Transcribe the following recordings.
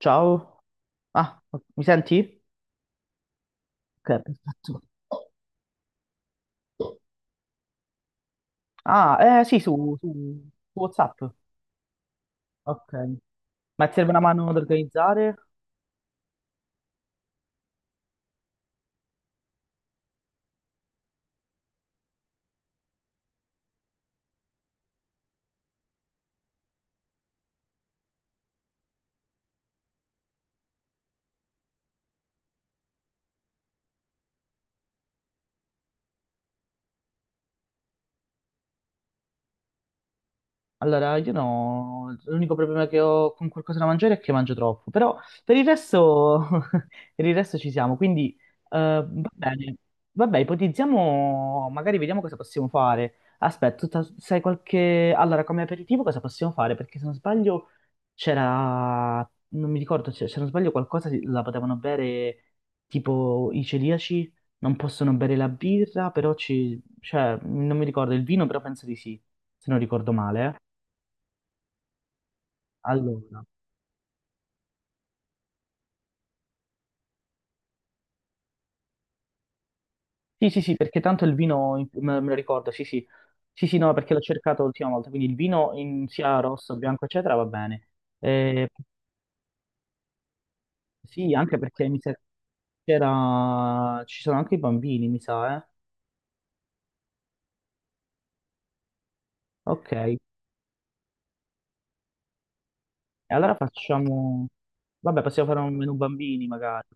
Ciao. Ah, mi senti? Ok, perfetto. Ah, eh sì, su WhatsApp. Ok. Ma ti serve una mano ad organizzare? Allora, io no, l'unico problema che ho con qualcosa da mangiare è che mangio troppo, però per il resto, per il resto ci siamo, quindi va bene. Vabbè, ipotizziamo, magari vediamo cosa possiamo fare. Aspetta, tu sai qualche. Allora, come aperitivo cosa possiamo fare? Perché se non sbaglio c'era, non mi ricordo, se non sbaglio qualcosa la potevano bere tipo i celiaci, non possono bere la birra, però ci, cioè, non mi ricordo il vino, però penso di sì, se non ricordo male. Allora, sì, sì, sì, perché tanto il vino, me lo ricordo, sì, sì, sì, sì, no, perché l'ho cercato l'ultima volta, quindi il vino in sia rosso, bianco, eccetera, va bene. Eh, sì, anche perché mi sa ci sono anche i bambini, mi sa, eh. Ok. E allora facciamo. Vabbè, possiamo fare un menù bambini magari.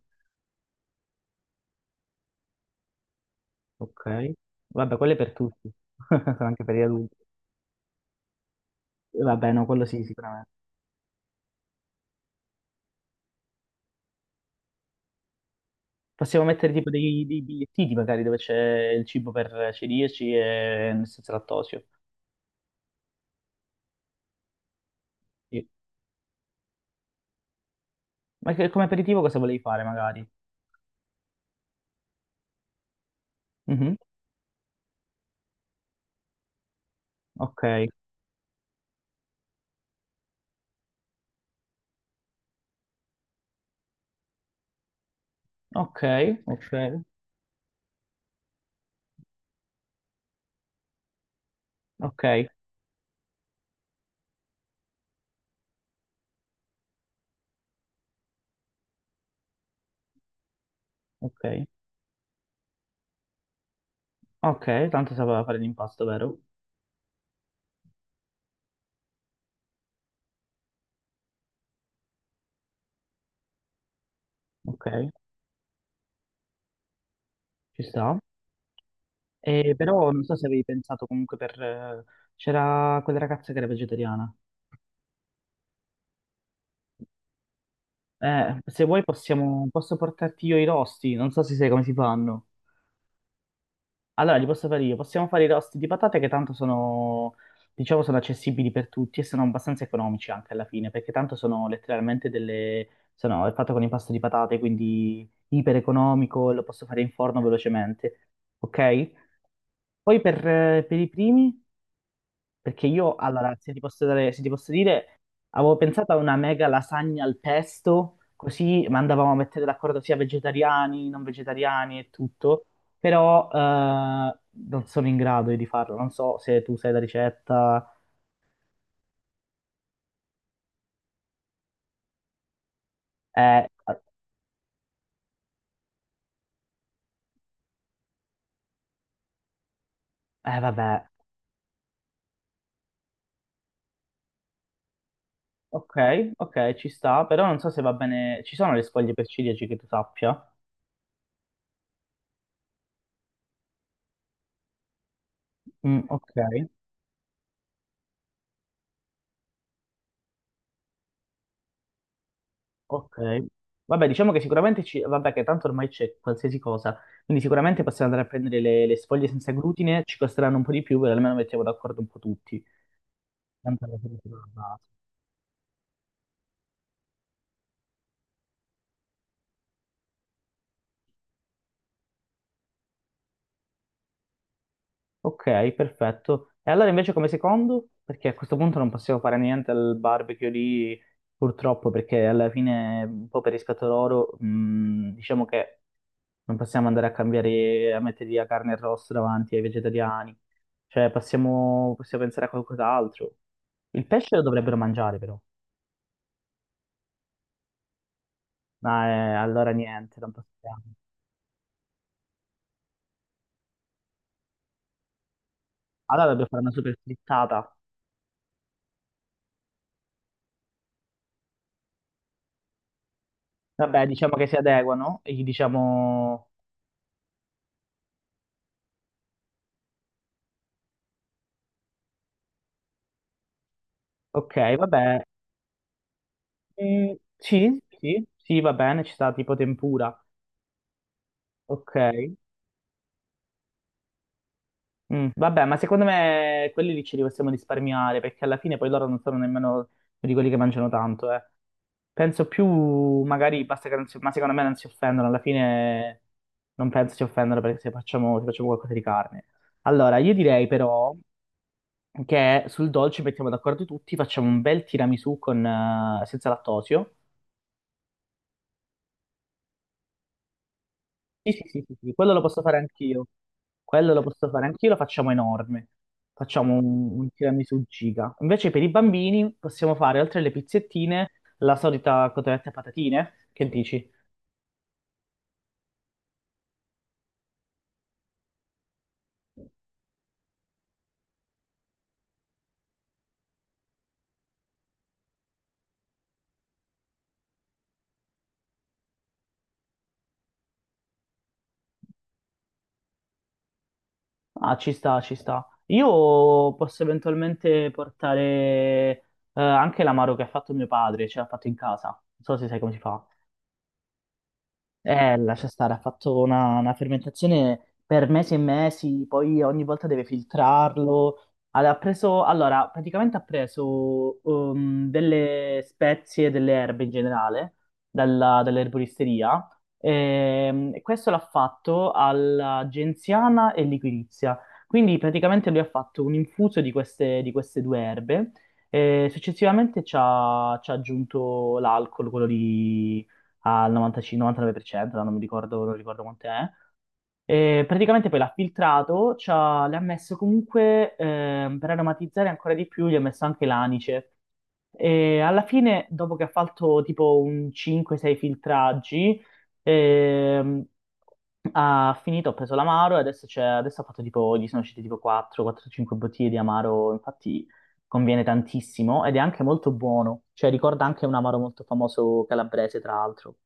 Ok. Vabbè, quello è per tutti. Anche per gli adulti. Vabbè, no, quello sì, sicuramente. Possiamo mettere tipo dei bigliettini magari dove c'è il cibo per celiaci e senza lattosio. Sì. Ma come aperitivo cosa volevi fare magari? Mhm. Ok, ok, ok, ok, ok, ok. Tanto sapeva fare l'impasto, vero? Ok, ci sta. Però non so se avevi pensato comunque c'era quella ragazza che era vegetariana. Se vuoi posso portarti io i rosti, non so se sai come si fanno. Allora, li posso fare io. Possiamo fare i rosti di patate che tanto sono, diciamo, sono accessibili per tutti e sono abbastanza economici anche alla fine, perché tanto sono letteralmente sono è fatto con impasto di patate, quindi iper economico, lo posso fare in forno velocemente. Ok? Poi per i primi. Perché io, allora, se ti posso dire, avevo pensato a una mega lasagna al pesto, così mandavamo a mettere d'accordo sia vegetariani, non vegetariani e tutto, però non sono in grado di farlo, non so se tu sai la ricetta, eh, vabbè, ok, ok, ci sta, però non so se va bene, ci sono le sfoglie per ciliegi che tu sappia? Mm, ok. Ok, vabbè, diciamo che sicuramente ci. Vabbè, che tanto ormai c'è qualsiasi cosa, quindi sicuramente possiamo andare a prendere le sfoglie senza glutine, ci costeranno un po' di più, però almeno mettiamo d'accordo un po' tutti. Tanto alla fine siamo alla base. Ok, perfetto. E allora invece come secondo? Perché a questo punto non possiamo fare niente al barbecue lì, purtroppo, perché alla fine, un po' per rispetto loro, diciamo che non possiamo andare a cambiare, a mettere la carne e rosso davanti ai vegetariani. Cioè, possiamo pensare a qualcos'altro. Il pesce lo dovrebbero mangiare, però. Ah, allora niente, non possiamo. Allora dobbiamo fare una super frittata. Vabbè, diciamo che si adeguano e gli diciamo. Ok, vabbè. Mm, sì, sì, sì, va bene, ci sta tipo tempura. Ok. Mm, vabbè, ma secondo me quelli lì ce li possiamo risparmiare, perché alla fine poi loro non sono nemmeno di quelli che mangiano tanto, eh. Penso più, magari basta che non si, ma secondo me non si offendono, alla fine non penso si offendano perché se facciamo qualcosa di carne. Allora, io direi però che sul dolce mettiamo d'accordo tutti, facciamo un bel tiramisù senza lattosio. Sì, sì, sì, sì, sì, quello lo posso fare anch'io. Quello lo posso fare anch'io, lo facciamo enorme. Facciamo un tiramisù giga. Invece per i bambini possiamo fare, oltre alle pizzettine, la solita cotoletta e patatine. Che dici? Ah, ci sta, ci sta. Io posso eventualmente portare anche l'amaro che ha fatto mio padre, ce l'ha fatto in casa. Non so se sai come si fa. Lascia stare, ha fatto una fermentazione per mesi e mesi, poi ogni volta deve filtrarlo. Ha preso, allora, praticamente delle spezie, delle erbe in generale, dall'erboristeria, e questo l'ha fatto alla genziana e liquirizia. Quindi praticamente lui ha fatto un infuso di queste, due erbe e successivamente ci ha aggiunto l'alcol, quello al 95 99%, non mi ricordo, non ricordo quanto è. E praticamente poi l'ha filtrato, le ha messo comunque, per aromatizzare ancora di più, gli ha messo anche l'anice. E alla fine, dopo che ha fatto tipo un 5-6 filtraggi, ehm, ha finito, ha preso l'amaro e adesso ha fatto tipo, gli sono uscite tipo 4-4-5 bottiglie di amaro, infatti conviene tantissimo ed è anche molto buono, cioè ricorda anche un amaro molto famoso calabrese, tra l'altro.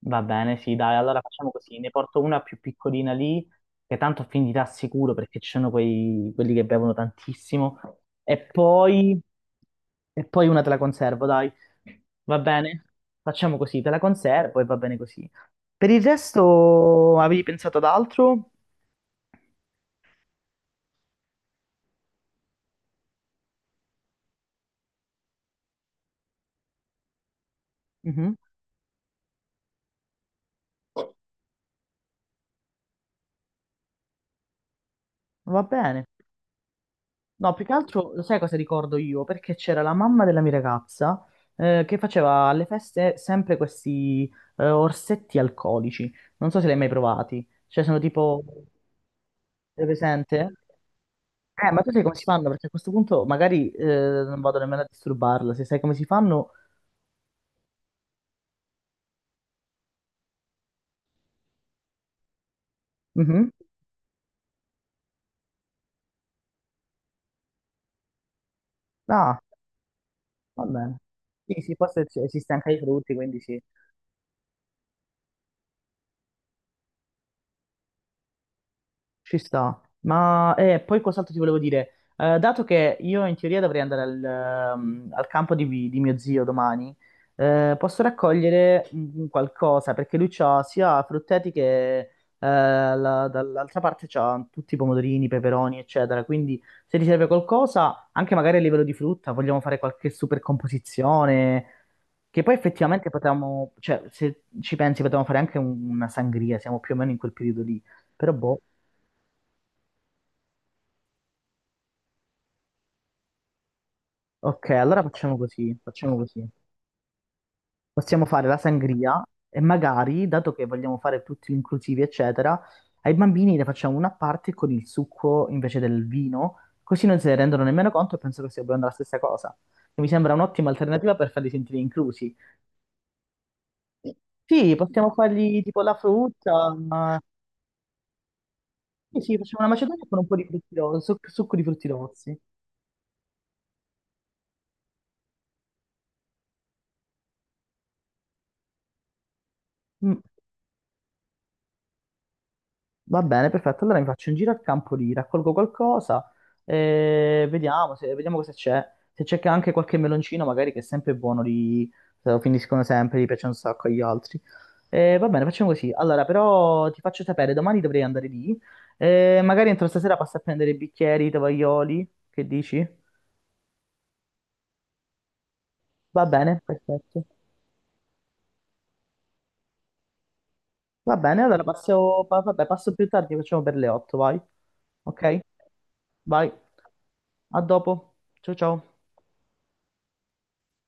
Va bene, sì, dai, allora facciamo così, ne porto una più piccolina lì, che tanto finirà sicuro perché ci sono quelli che bevono tantissimo, e poi, e poi una te la conservo, dai, va bene? Facciamo così, te la conservo e va bene così. Per il resto avevi pensato ad altro? Mhm. Va bene. No, più che altro, lo sai cosa ricordo io? Perché c'era la mamma della mia ragazza che faceva alle feste sempre questi orsetti alcolici. Non so se li hai mai provati. Cioè, sono tipo. Sei presente? Ma tu sai come si fanno? Perché a questo punto magari non vado nemmeno a disturbarla. Se sai come si fanno. Mhm. Ah, va bene. Sì, sì, forse esiste anche ai frutti, quindi sì. Ci sta, ma poi cos'altro ti volevo dire? Dato che io in teoria dovrei andare al campo di mio zio domani, posso raccogliere qualcosa perché lui ha sia frutteti che dall'altra parte c'ha tutti i pomodorini, peperoni, eccetera. Quindi se ti serve qualcosa, anche magari a livello di frutta, vogliamo fare qualche super composizione, che poi effettivamente potevamo, cioè se ci pensi potevamo fare anche una sangria, siamo più o meno in quel periodo lì. Però boh. Ok, allora facciamo così, facciamo così. Possiamo fare la sangria e magari, dato che vogliamo fare tutti inclusivi, eccetera, ai bambini ne facciamo una a parte con il succo invece del vino, così non se ne rendono nemmeno conto e penso che stia bevendo la stessa cosa. E mi sembra un'ottima alternativa per farli sentire inclusi. Sì, possiamo fargli tipo la frutta. Sì, sì, facciamo una macedonia con un po' di frutti rossi, succo di frutti rossi. Mm. Va bene, perfetto. Allora mi faccio un giro al campo lì, raccolgo qualcosa e vediamo cosa c'è. Se c'è che anche qualche meloncino, magari che è sempre buono, li, se lo finiscono sempre, gli piace un sacco agli altri. E va bene, facciamo così. Allora, però ti faccio sapere, domani dovrei andare lì. E magari entro stasera passo a prendere i bicchieri, i tovaglioli, che dici? Va bene, perfetto. Va bene, allora vabbè, passo più tardi, facciamo per le 8, vai. Ok? Vai. A dopo. Ciao ciao.